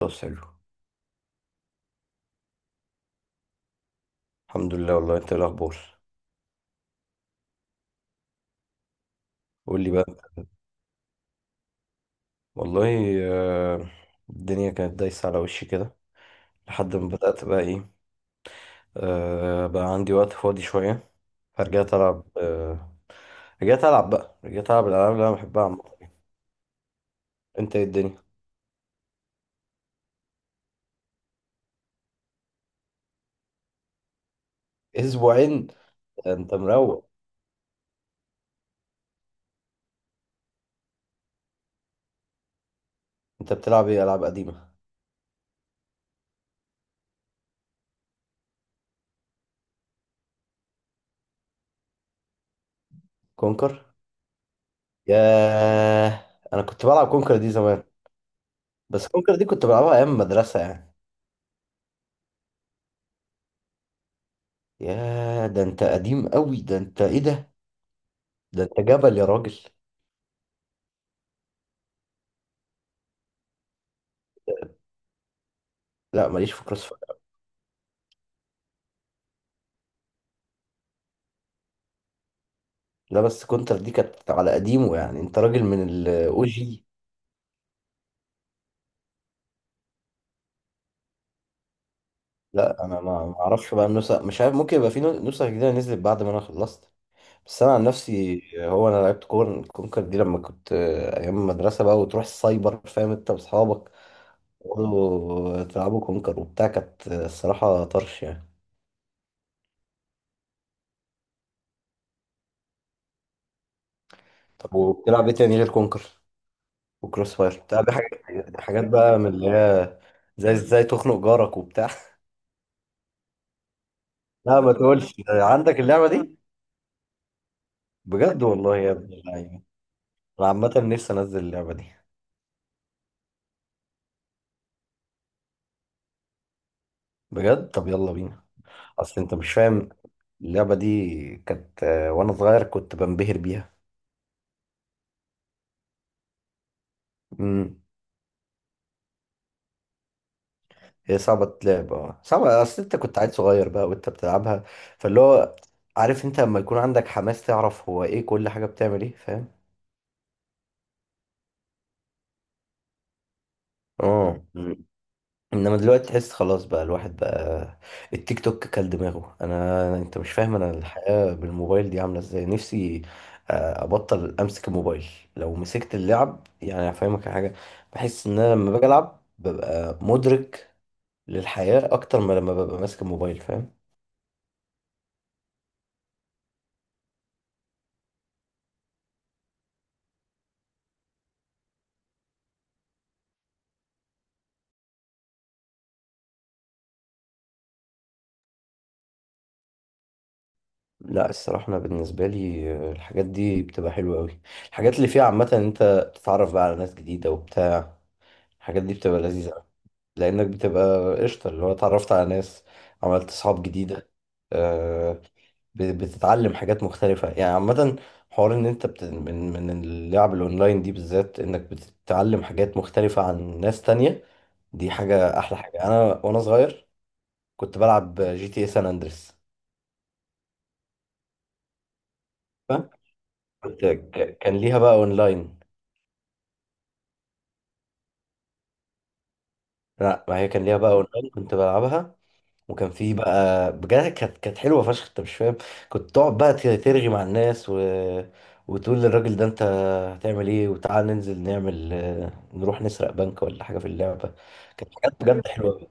خلاص حلو. الحمد لله، والله انت ايه الاخبار؟ قول لي بقى. والله. آه، الدنيا كانت دايسه على وشي كده. لحد ما بدات بقى ايه، بقى عندي وقت فاضي شويه. فرجعت العب، رجعت العب الالعاب اللي انا بحبها عامه. انت ايه الدنيا؟ اسبوعين؟ انت مروق. انت بتلعب ايه؟ العاب قديمه؟ كونكر؟ ياه، انا كنت بلعب كونكر دي زمان. بس كونكر دي كنت بلعبها ايام مدرسه يعني. ياه، ده انت قديم قوي، ده انت ايه ده؟ ده انت جبل يا راجل. لا، ماليش في كروس فاير. لا، بس كونتر دي كانت على قديمه يعني، انت راجل من الاو جي. لا، انا ما اعرفش بقى النسخ، مش عارف، ممكن يبقى في نسخ جديده نزلت بعد ما انا خلصت. بس انا عن نفسي، هو انا لعبت كونكر دي لما كنت ايام المدرسه بقى، وتروح السايبر فاهم انت واصحابك، تقعدوا تلعبوا كونكر وبتاع. كانت الصراحه طرش يعني. طب وبتلعب ايه تاني غير كونكر وكروس فاير؟ بتلعب حاجات بقى من اللي هي زي ازاي تخنق جارك وبتاع؟ لا ما تقولش عندك اللعبه دي! بجد والله يا ابن اللعيبة! انا عامة نفسي انزل اللعبة دي. بجد، طب يلا بينا. اصل انت مش فاهم، اللعبة دي كانت وانا صغير كنت بنبهر بيها. امم. هي صعبة تلعب، اه صعبة، اصل انت كنت عيل صغير بقى وانت بتلعبها. فاللي هو، عارف انت لما يكون عندك حماس، تعرف هو ايه كل حاجة بتعمل ايه، فاهم؟ اه. انما دلوقتي تحس خلاص بقى، الواحد بقى التيك توك كل دماغه. انا، انت مش فاهم، انا الحياة بالموبايل دي عاملة ازاي نفسي ابطل امسك الموبايل. لو مسكت اللعب يعني هفهمك على حاجة. بحس ان انا لما باجي العب ببقى مدرك للحياة اكتر ما لما ببقى ماسك الموبايل، فاهم؟ لا، الصراحة أنا بالنسبة لي الحاجات دي بتبقى حلوة أوي. الحاجات اللي فيها عامة، إن أنت بتتعرف بقى على ناس جديدة وبتاع، الحاجات دي بتبقى لذيذة. لانك بتبقى قشطه، اللي هو اتعرفت على ناس، عملت صحاب جديده، آه، بتتعلم حاجات مختلفه يعني عامه. حوار ان انت من اللعب الاونلاين دي بالذات، انك بتتعلم حاجات مختلفه عن ناس تانية. دي حاجه، احلى حاجه انا وانا صغير كنت بلعب جي تي اي سان اندريس. فاهم؟ كنت كان ليها بقى اونلاين. لا، ما هي كان ليها بقى اونلاين كنت بلعبها. وكان فيه بقى، بجد كانت حلوه فشخ، انت مش فاهم. كنت تقعد بقى ترغي مع الناس، و... وتقول للراجل ده: انت هتعمل ايه، وتعال ننزل نعمل نروح نسرق بنك ولا حاجه في اللعبه. كانت حاجات بجد حلوه أوي.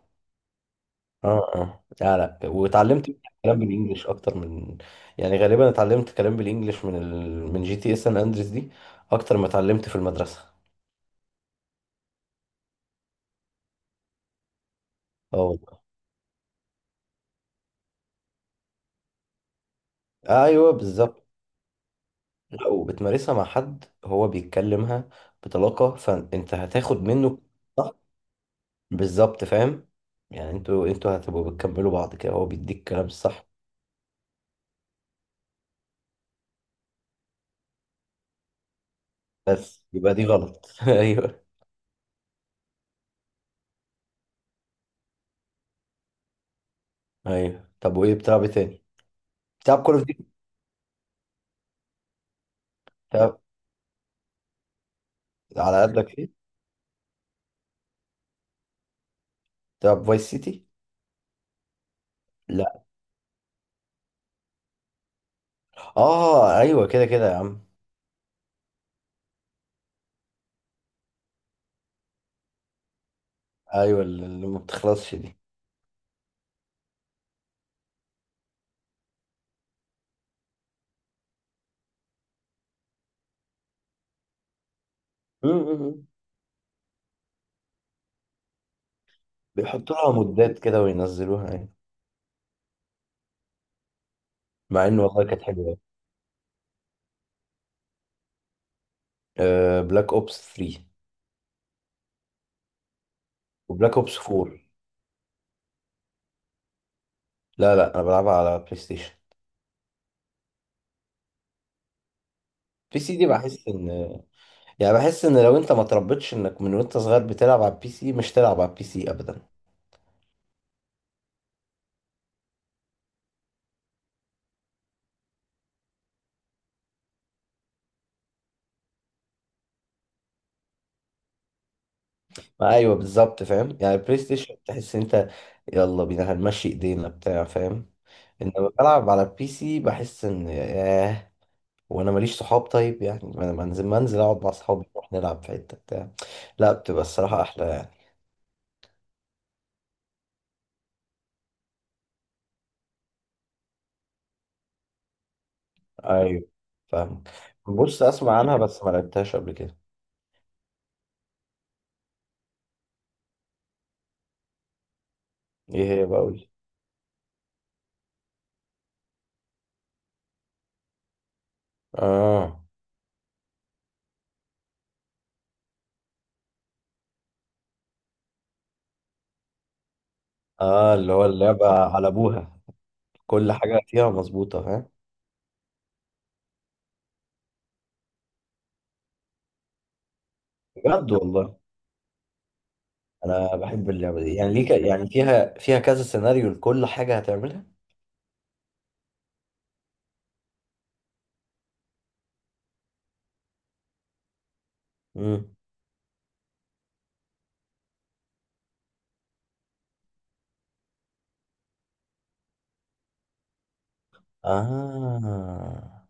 اه، اه، لا، لا، واتعلمت كلام بالانجلش اكتر من، يعني غالبا اتعلمت كلام بالانجلش من من جي تي اس سان اندريس دي اكتر ما اتعلمت في المدرسه. اه والله. ايوه بالظبط. لا، وبتمارسها مع حد هو بيتكلمها بطلاقة، فانت هتاخد منه. صح. بالظبط فاهم، يعني انتوا هتبقوا بتكملوا بعض كده، هو بيديك الكلام الصح. بس يبقى دي غلط. ايوه، ايوه. طب وايه بتلعب إيه تاني؟ بتلعب كول اوف ديوتي؟ بتلعب على قدك ايه؟ بتلعب فايس سيتي؟ لا. اه ايوه، كده كده يا عم. ايوه، اللي ما بتخلصش دي. م- م- م. بيحطوا لها مودات كده وينزلوها يعني. مع ان والله كانت حلوه. بلاك اوبس 3 وبلاك اوبس 4. لا، لا، انا بلعبها على بلاي ستيشن. بي سي دي بحس ان، يعني بحس ان لو انت ما تربيتش انك من وانت صغير بتلعب على البي سي، مش تلعب على البي سي ابدا. ما ايوه بالظبط فاهم، يعني البلاي ستيشن تحس ان انت يلا بينا هنمشي ايدينا بتاع، فاهم؟ انما بلعب على البي سي بحس ان ياه، وانا ماليش صحاب طيب يعني، ما انا منزل اقعد مع صحابي نروح نلعب في حته بتاع. لا، بتبقى الصراحه احلى يعني. ايوه فاهمك. بص، اسمع عنها بس ما لعبتهاش قبل كده. ايه هي بقول؟ اه، اه، اللي هو اللعبة على ابوها. كل حاجة فيها مظبوطة، فاهم؟ بجد والله. انا بحب اللعبة دي يعني ليك، يعني فيها كذا سيناريو لكل حاجة هتعملها. امم. اه.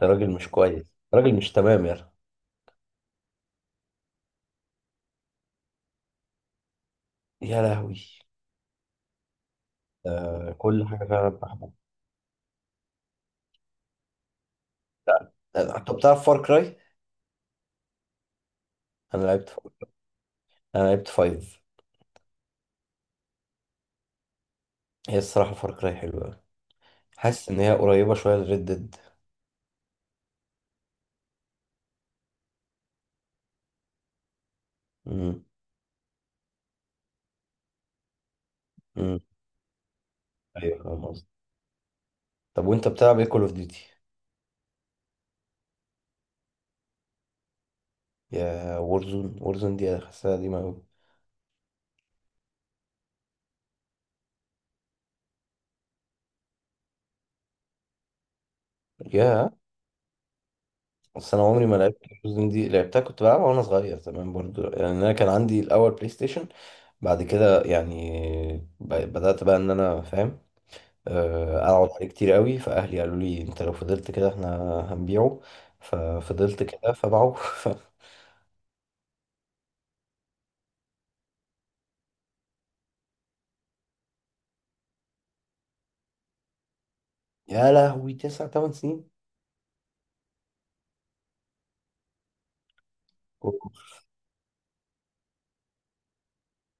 ده راجل مش كويس، راجل مش تمام يا رجل. يا لهوي. آه، كل حاجة فعلا بحبها. طب بتعرف فار كراي؟ انا لعبت فار. انا لعبت فايف. هي الصراحة فار كراي حلوة أوي. حاسس ان هي قريبة شوية لريد ديد. امم. امم. ايوه فاهم قصدي. طب وانت بتلعب ايه كول اوف ديوتي؟ يا وورزون! وورزون دي انا حاسسها قديمة أوي. يا، بس انا عمري ما لعبت وورزون دي، لعبتها كنت بلعبها وانا صغير زمان برضو يعني. انا كان عندي الاول بلاي ستيشن، بعد كده يعني بدأت بقى ان انا فاهم، اقعد عليه كتير قوي، فاهلي قالوا لي انت لو فضلت كده احنا هنبيعه. ففضلت كده فباعوه. يا لهوي، تسع تمن سنين؟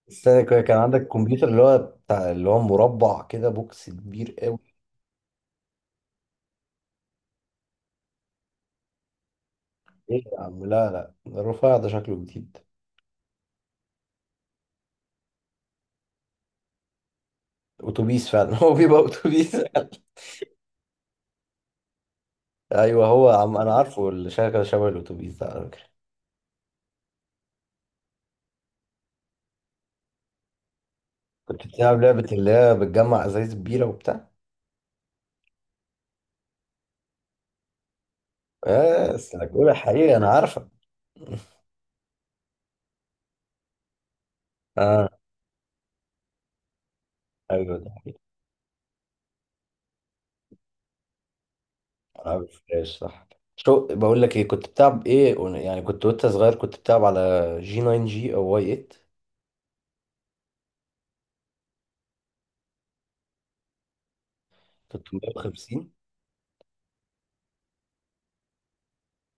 استنى كده، كان عندك كمبيوتر اللي هو بتاع اللي هو مربع كده، بوكس كبير قوي؟ ايه يا عم! لا، لا، الرفيع ده شكله جديد. اتوبيس فعلا! هو بيبقى اتوبيس فعلا. ايوه، هو عم انا عارفه اللي شغال شبه الاتوبيس ده على فكره. كنت بتلعب لعبه اللي هي بتجمع ازايز بيره وبتاع؟ بس بقول الحقيقه انا عارفه. اه ايوه، ده حقيقي. العاب الفلاش، صح. شو بقول لك ايه، كنت بتلعب ايه يعني كنت وانت صغير كنت بتلعب على جي 9 جي او واي 8، 350؟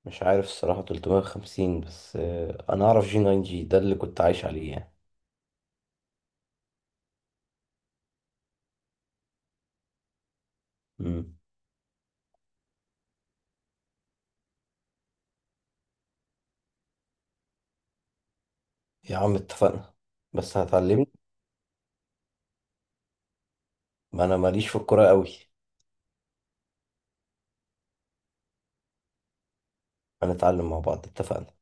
مش عارف الصراحه 350، بس انا اعرف جي 9 جي ده اللي كنت عايش عليه يعني. امم. يا عم اتفقنا، بس هتعلمني. ما انا ماليش في الكوره قوي. هنتعلم مع بعض اتفقنا.